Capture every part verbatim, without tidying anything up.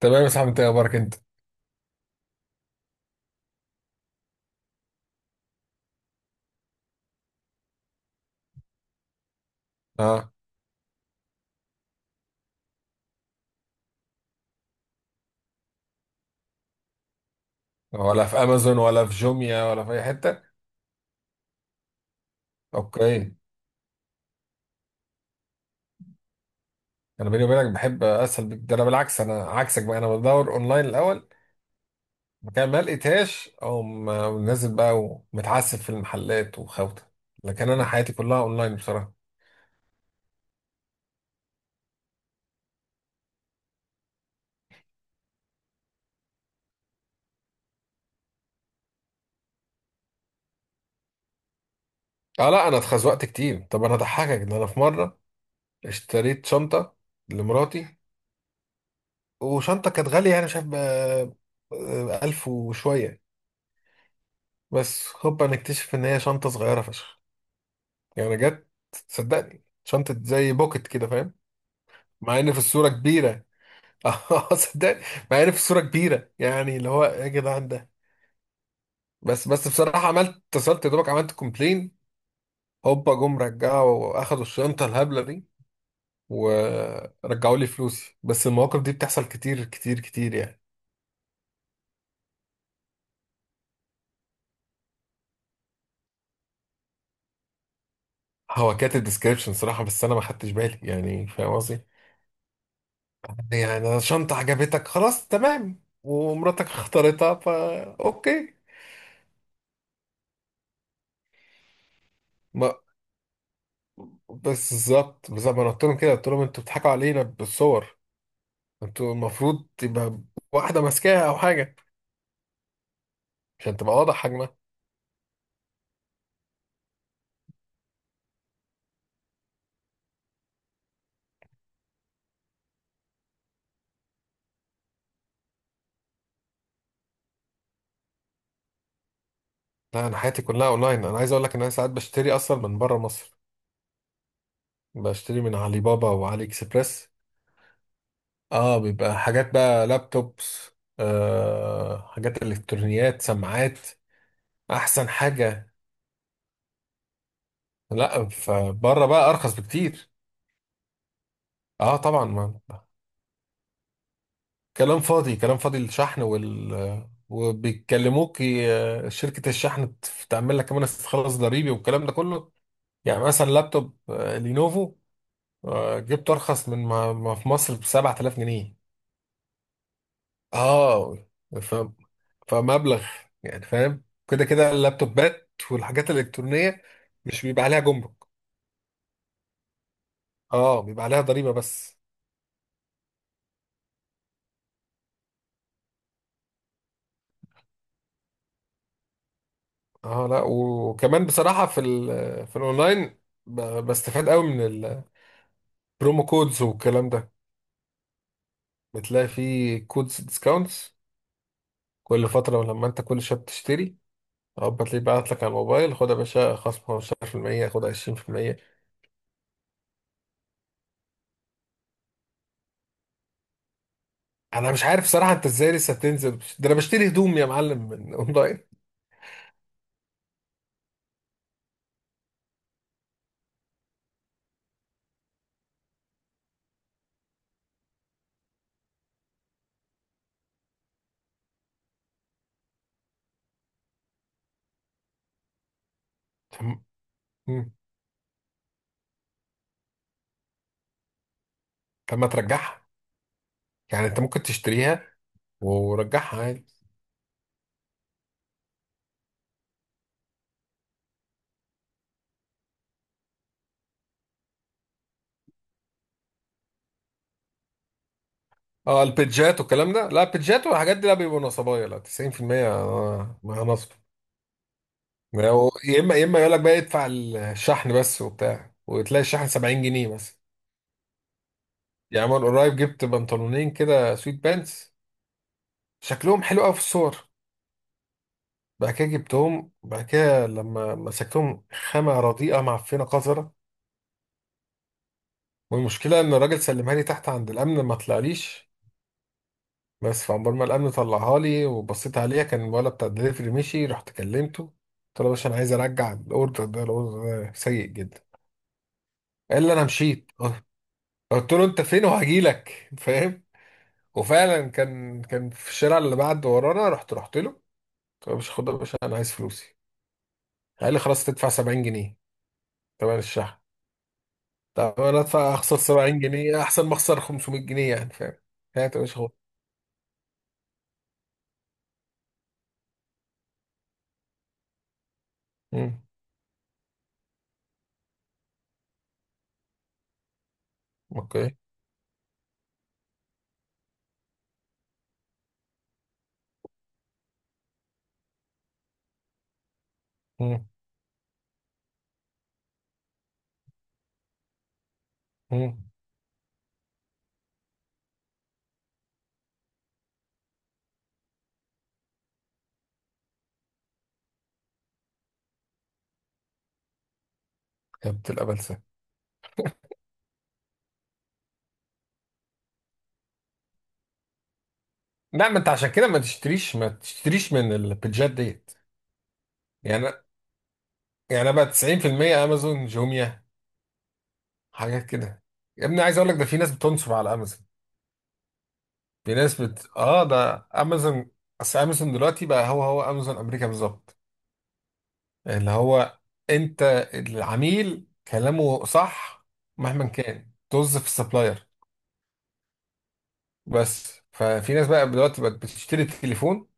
تمام يا صاحبي، انت إيه اخبارك انت؟ اه. ولا في امازون ولا في جوميا ولا في اي حته؟ اوكي. انا بيني وبينك بحب اسهل بك ده، انا بالعكس، انا عكسك بقى، انا بدور اونلاين الاول. مكان ما لقيتهاش او نازل بقى ومتعسف في المحلات وخوته، لكن انا حياتي كلها اونلاين بصراحه. اه لا، انا اتخزوقت كتير. طب انا اضحكك ان انا في مره اشتريت شنطه لمراتي، وشنطه كانت غاليه يعني مش عارف ب- ب- ألف وشويه. بس هوبا نكتشف ان هي شنطه صغيره فشخ. يعني جت، صدقني شنطة زي بوكت كده فاهم. مع ان في الصورة كبيرة. اه صدقني. مع ان في الصورة كبيرة يعني اللي هو إيه يا جدعان ده. بس بس بصراحة عملت اتصلت يا دوبك عملت كومبلين. هوبا جم رجعوا واخدوا الشنطة الهبلة دي ورجعوا لي فلوسي، بس المواقف دي بتحصل كتير كتير كتير يعني. هو كاتب ديسكريبشن صراحة بس انا ما خدتش بالي يعني فاهم قصدي. يعني شنطة عجبتك خلاص تمام، ومراتك اختارتها فا اوكي. بس بالظبط بالظبط ما انا قلت لهم كده، قلت لهم انتوا بتضحكوا علينا بالصور. انتوا المفروض تبقى واحده ماسكاها او حاجه عشان تبقى واضح حجمها. لا انا حياتي كلها اونلاين، انا عايز اقول لك ان انا ساعات بشتري اصلا من بره مصر. بشتري من علي بابا وعلي اكسبريس. اه بيبقى حاجات بقى لابتوبس. آه حاجات الكترونيات سماعات. احسن حاجه. لا فبره بقى ارخص بكتير. اه طبعا ما. كلام فاضي كلام فاضي الشحن وال وبيكلموك ي- شركة الشحن تعمل لك كمان استخلاص ضريبي والكلام ده كله. يعني مثلا لابتوب آه، لينوفو آه، جبته أرخص من ما ما في مصر ب سبعة آلاف جنيه. اه فاهم فمبلغ. يعني فاهم كده كده اللابتوبات والحاجات الإلكترونية مش بيبقى عليها جمرك. اه بيبقى عليها ضريبة بس. اه لا، وكمان بصراحة في ال في الأونلاين ب- بستفاد قوي من البرومو كودز والكلام ده. بتلاقي فيه كودز ديسكاونتس كل فترة، لما انت كل شوية بتشتري او بتلاقيه بعت لك على الموبايل خد يا باشا خصم خمسة عشر في المئة خد عشرين في المية. انا مش عارف صراحة انت ازاي لسه تنزل ده، انا بشتري هدوم يا معلم من اونلاين. طب. مم. طب ما ترجعها، يعني انت ممكن تشتريها ورجعها عادي. اه البيدجات والكلام ده لا، البيدجات والحاجات دي لا، بيبقوا نصبايا، لا تسعين في المية آه، ما نصب. ما هو- يا اما يا اما يقول لك بقى ادفع الشحن بس وبتاع وتلاقي الشحن سبعين جنيه بس. يعني من قريب جبت بنطلونين كده سويت بانس، شكلهم حلو قوي في الصور. بعد كده جبتهم، بعد كده لما مسكتهم خامة رديئة معفنة قذرة. والمشكلة إن الراجل سلمها لي تحت عند الأمن ما طلعليش. بس فعمال ما الأمن طلعها لي وبصيت عليها كان الولد بتاع الدليفري مشي، رحت كلمته، قلت له يا باشا أنا عايز أرجع الأوردر ده، الأوردر ده سيء جدا. قال لي أنا مشيت. قلت له أنت فين وهجيلك فاهم. وفعلا كان كان في الشارع اللي بعد ورانا، رحت رحت له. مش خد يا باشا انا عايز فلوسي. قال لي خلاص تدفع سبعين جنيه تمن الشحن. طب انا ادفع اخسر سبعين جنيه احسن ما اخسر خمسمية جنيه يعني فاهم. هات يا باشا خد. مم. اوكي. مم. مم. يا بنت الابلسه. لا، ما انت عشان كده ما تشتريش ما تشتريش من البيجات ديت. يعني، يعني بقى تسعين في المية امازون جوميا حاجات كده. يا ابني عايز اقول لك ده في ناس بتنصب على امازون. في ناس بت اه ده امازون. اصل امازون دلوقتي بقى هو هو امازون امريكا بالظبط. اللي هو انت العميل كلامه صح مهما كان، طز في السبلاير. بس ففي ناس بقى دلوقتي بقت بتشتري تليفون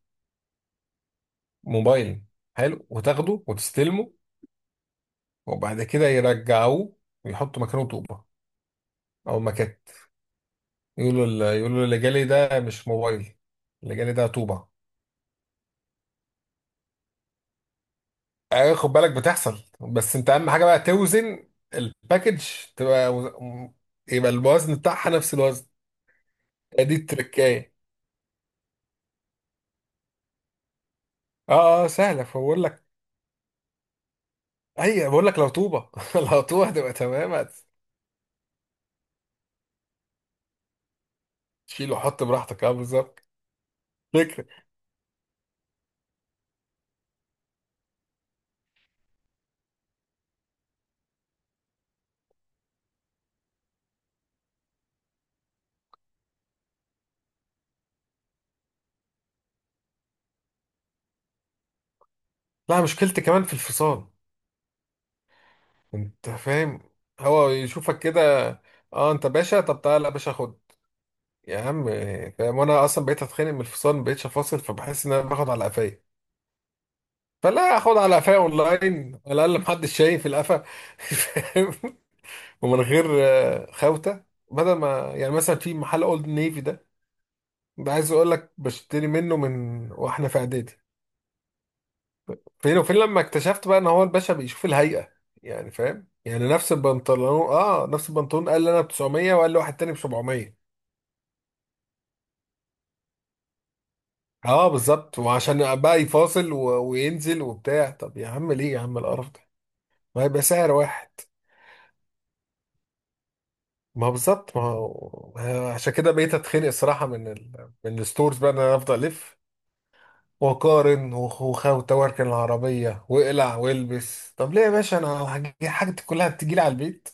موبايل حلو وتاخده وتستلمه، وبعد كده يرجعوه ويحطوا مكانه طوبة. او مكان يقولوا، ال- يقولوا اللي جالي ده مش موبايل، اللي جالي ده طوبة. اه، خد بالك بتحصل، بس انت اهم حاجة بقى توزن الباكج، تبقى وز- يبقى الوزن بتاعها نفس الوزن. دي التركاية. اه اه سهله فبقول لك. اي بقول لك لو طوبه لو طوبه هتبقى تمام. هتشيل وحط براحتك اه بالظبط. فكره. لا مشكلتي كمان في الفصال، انت فاهم. هو يشوفك كده، اه انت باشا، طب تعالى يا باشا خد يا عم، فاهم. وانا اصلا بقيت اتخانق من الفصال، ما بقيتش افاصل، فبحس ان انا باخد على قفايا. فلا اخد على قفايا اونلاين، على الاقل محدش شايف القفا فاهم. ومن غير آه، خوته. بدل ما يعني مثلا في محل اولد نيفي ده، ده عايز اقول لك بشتري منه من واحنا في اعدادي. فين وفين لما اكتشفت بقى ان هو الباشا بيشوف الهيئة. يعني فاهم، يعني نفس البنطلون اه نفس البنطلون قال لي انا ب تسعمية وقال لي واحد تاني ب سبعمية. اه بالظبط، وعشان بقى يفاصل و وينزل وبتاع، طب يا عم ليه يا عم القرف ده، ما هيبقى سعر واحد. ما هو بالظبط، ما هو ما هو عشان كده بقيت اتخنق الصراحة من ال من الستورز بقى ان انا افضل الف وقارن وخ- وخ- وتواركن العربية واقلع والبس. طب ليه يا باشا انا حاج- حاجتي كلها بتجيلي على البيت.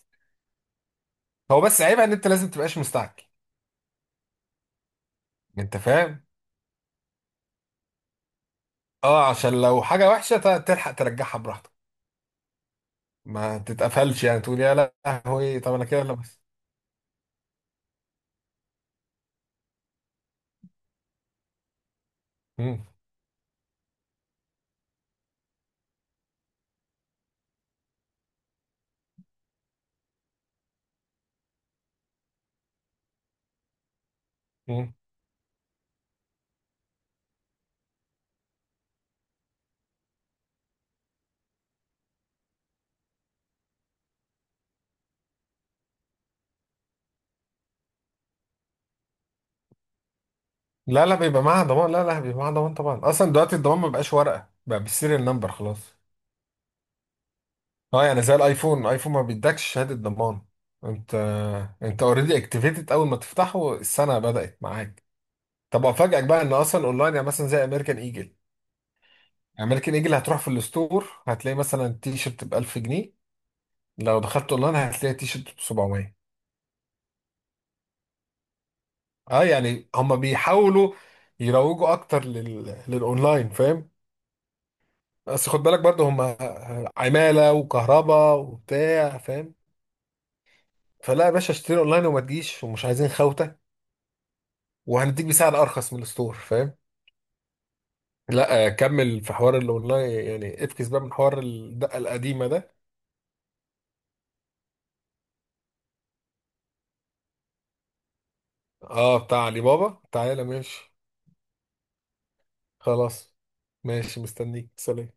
هو بس عيبها ان انت لازم تبقاش مستعجل، انت فاهم. اه عشان لو حاجة وحشة ت- تلحق ترجعها براحتك. ما تتقفلش يعني تقول يا لهوي طب انا كده لابس. مم. مم. لا لا بيبقى معاها ضمان، لا لا بيبقى معاها ضمان طبعا. اصلا دلوقتي الضمان ما بقاش ورقة، بقى بالسيريال نمبر خلاص. اه يعني زي الايفون الايفون ما بيدكش شهادة ضمان. انت انت اوريدي اكتيفيتد اول ما تفتحه السنة بدأت معاك. طب افاجئك بقى ان اصلا اونلاين يعني مثلا زي امريكان ايجل. امريكان ايجل هتروح في الستور هتلاقي مثلا التيشيرت ب ألف جنيه. لو دخلت اونلاين هتلاقي التيشيرت ب سبعمية. اه يعني هم بيحاولوا يروجوا اكتر لل... للاونلاين فاهم. بس خد بالك برضو هم عمالة وكهرباء وبتاع فاهم. فلا يا باشا اشتري اونلاين وما تجيش ومش عايزين خوته، وهنديك بسعر ارخص من الستور فاهم. لا آه، كمل في حوار الاونلاين يعني افكس بقى من حوار الدقه القديمه ده. اه بتاع علي بابا تعالى ماشي. خلاص ماشي، مستنيك، سلام.